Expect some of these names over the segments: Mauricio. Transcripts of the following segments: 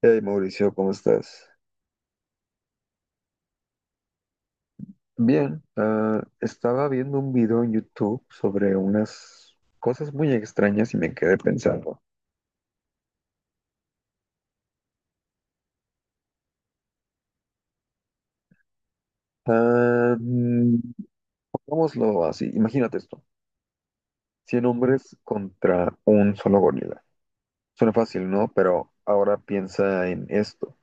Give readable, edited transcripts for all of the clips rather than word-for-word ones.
Hey Mauricio, ¿cómo estás? Bien, estaba viendo un video en YouTube sobre unas cosas muy extrañas y me quedé pensando. Ah, mm, Pongámoslo así, imagínate esto, 100 hombres contra un solo gorila. Suena fácil, ¿no? Pero ahora piensa en esto.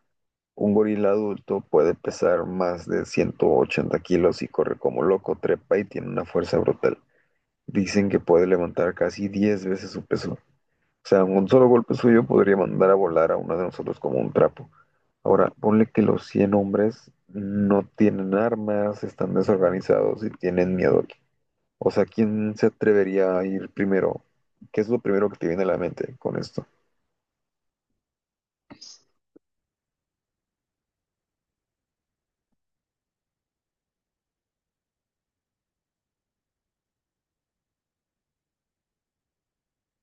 Un gorila adulto puede pesar más de 180 kilos y corre como loco, trepa y tiene una fuerza brutal. Dicen que puede levantar casi 10 veces su peso. O sea, un solo golpe suyo podría mandar a volar a uno de nosotros como un trapo. Ahora, ponle que los 100 hombres no tienen armas, están desorganizados y tienen miedo aquí. O sea, ¿quién se atrevería a ir primero? ¿Qué es lo primero que te viene a la mente con esto?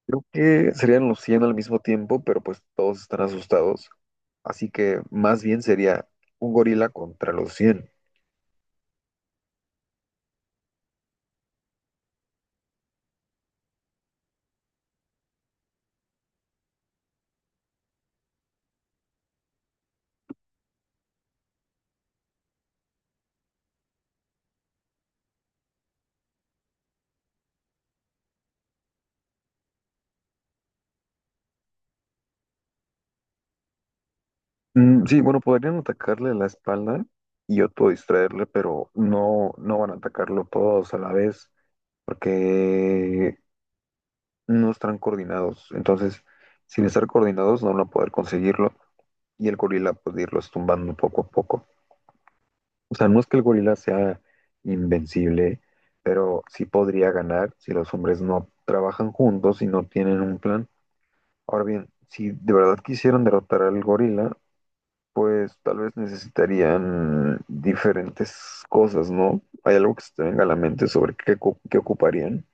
Creo que serían los 100 al mismo tiempo, pero pues todos están asustados. Así que más bien sería un gorila contra los 100. Mm, sí, bueno, podrían atacarle la espalda y otro distraerle, pero no, no van a atacarlo todos a la vez porque no están coordinados. Entonces, sin estar coordinados, no van a poder conseguirlo y el gorila puede irlos tumbando poco a poco. O sea, no es que el gorila sea invencible, pero sí podría ganar si los hombres no trabajan juntos y no tienen un plan. Ahora bien, si de verdad quisieran derrotar al gorila, pues tal vez necesitarían diferentes cosas, ¿no? ¿Hay algo que se te venga a la mente sobre qué, qué ocuparían?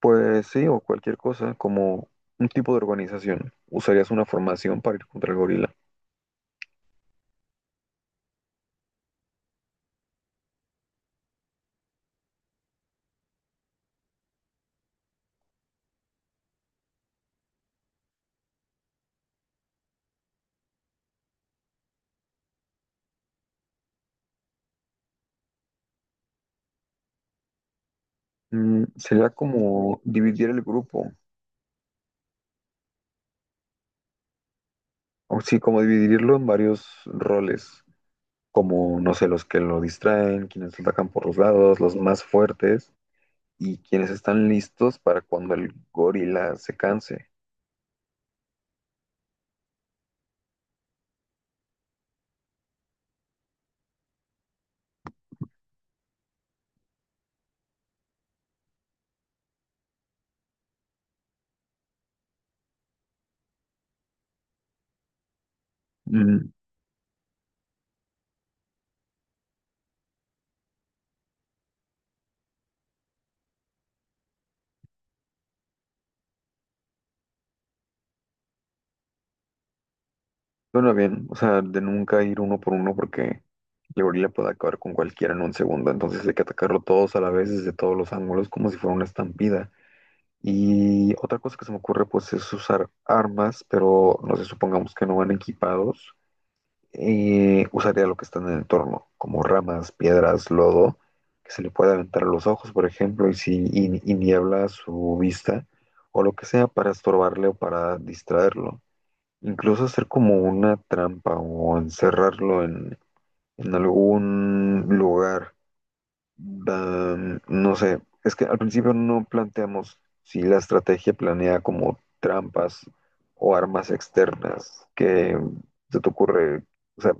Pues sí, o cualquier cosa, como un tipo de organización. ¿Usarías una formación para ir contra el gorila? Sería como dividir el grupo, o sí, como dividirlo en varios roles, como, no sé, los que lo distraen, quienes lo atacan por los lados, los más fuertes, y quienes están listos para cuando el gorila se canse. Mm, Bueno, bien, o sea, de nunca ir uno por uno porque el gorila puede acabar con cualquiera en un segundo, entonces hay que atacarlo todos a la vez desde todos los ángulos como si fuera una estampida. Y otra cosa que se me ocurre pues es usar armas, pero no sé, supongamos que no van equipados, usaría lo que está en el entorno, como ramas, piedras, lodo, que se le puede aventar a los ojos, por ejemplo, y si y niebla su vista o lo que sea para estorbarle o para distraerlo. Incluso hacer como una trampa o encerrarlo en algún lugar. No sé, es que al principio no planteamos si la estrategia planea como trampas o armas externas. ¿Qué se te ocurre? O sea,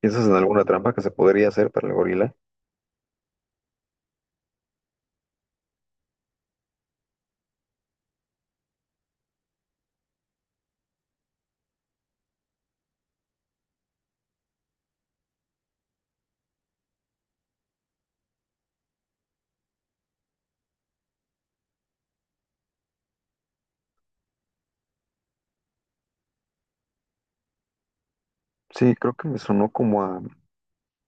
¿piensas en alguna trampa que se podría hacer para el gorila? Sí, creo que me sonó como a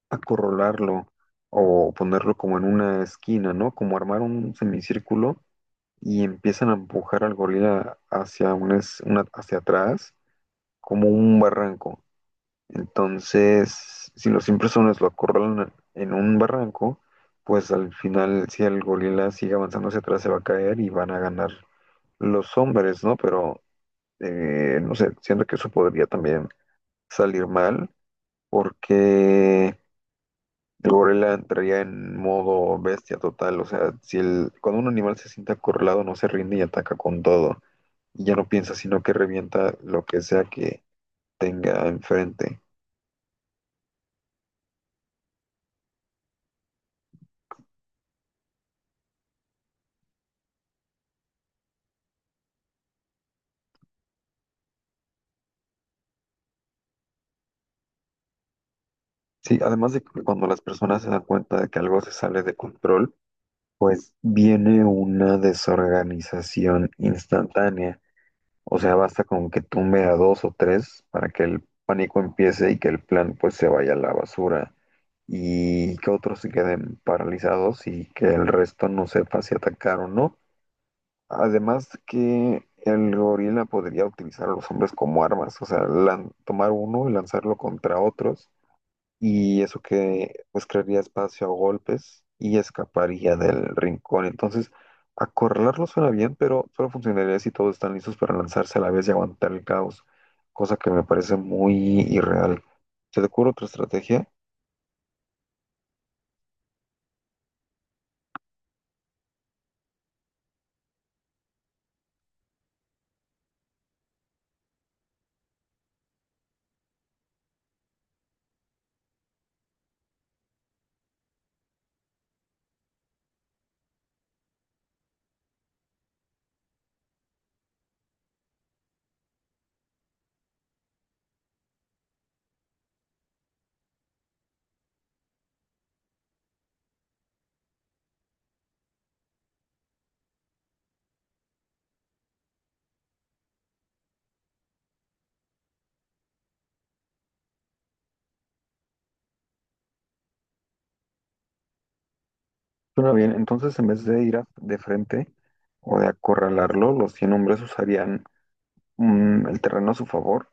acorralarlo o ponerlo como en una esquina, ¿no? Como armar un semicírculo y empiezan a empujar al gorila hacia, una, es- una- hacia atrás, como un barranco. Entonces, si los impresores lo acorralan en un barranco, pues al final, si el gorila sigue avanzando hacia atrás, se va a caer y van a ganar los hombres, ¿no? Pero, no sé, siento que eso podría también salir mal, porque el gorila entraría en modo bestia total. O sea, si el, cuando un animal se siente acorralado, no se rinde y ataca con todo. Y ya no piensa, sino que revienta lo que sea que tenga enfrente. Sí, además de que cuando las personas se dan cuenta de que algo se sale de control, pues viene una desorganización instantánea. O sea, basta con que tumbe a dos o tres para que el pánico empiece y que el plan pues se vaya a la basura y que otros se queden paralizados y que el resto no sepa si atacar o no. Además que el gorila podría utilizar a los hombres como armas, o sea, tomar uno y lanzarlo contra otros, y eso que pues crearía espacio a golpes y escaparía del rincón. Entonces, acorralarlo suena bien, pero solo funcionaría si todos están listos para lanzarse a la vez y aguantar el caos, cosa que me parece muy irreal. ¿Se te ocurre otra estrategia? Suena bien, entonces en vez de ir de frente o de acorralarlo, los 100 hombres usarían el terreno a su favor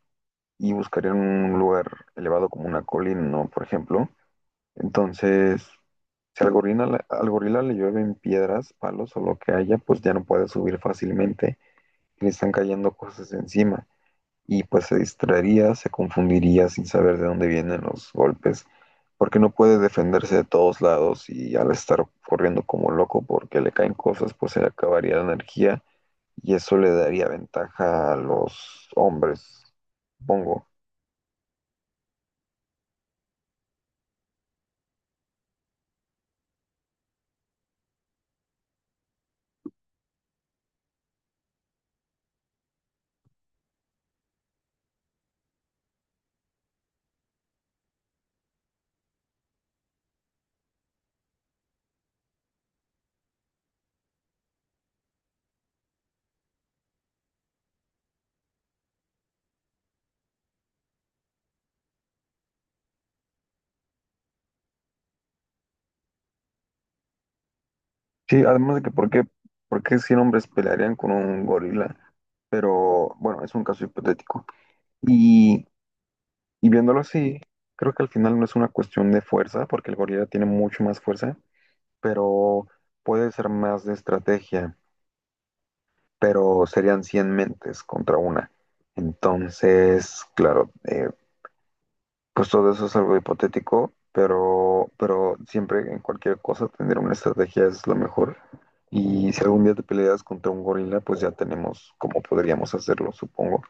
y buscarían un lugar elevado como una colina, ¿no? Por ejemplo. Entonces, si al gorila le llueven piedras, palos o lo que haya, pues ya no puede subir fácilmente y le están cayendo cosas encima. Y pues se distraería, se confundiría sin saber de dónde vienen los golpes, porque no puede defenderse de todos lados y al estar corriendo como loco porque le caen cosas, pues se le acabaría la energía y eso le daría ventaja a los hombres, supongo. Sí, además de que, ¿por qué 100 hombres pelearían con un gorila? Pero bueno, es un caso hipotético. Y, y viéndolo así, creo que al final no es una cuestión de fuerza, porque el gorila tiene mucho más fuerza, pero puede ser más de estrategia, pero serían 100 mentes contra una. Entonces, claro, pues todo eso es algo hipotético, pero siempre en cualquier cosa tener una estrategia es lo mejor. Y si algún día te peleas contra un gorila, pues ya tenemos cómo podríamos hacerlo, supongo.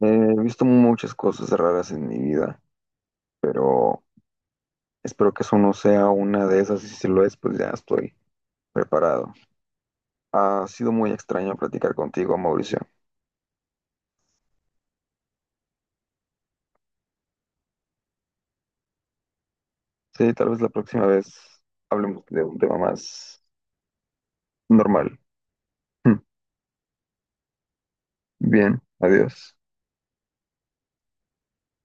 Eh, He visto muchas cosas raras en mi vida, pero espero que eso no sea una de esas y si lo es, pues ya estoy preparado. Ha sido muy extraño platicar contigo, Mauricio. Sí, tal vez la próxima vez hablemos de un tema más normal. Mm. Bien, adiós.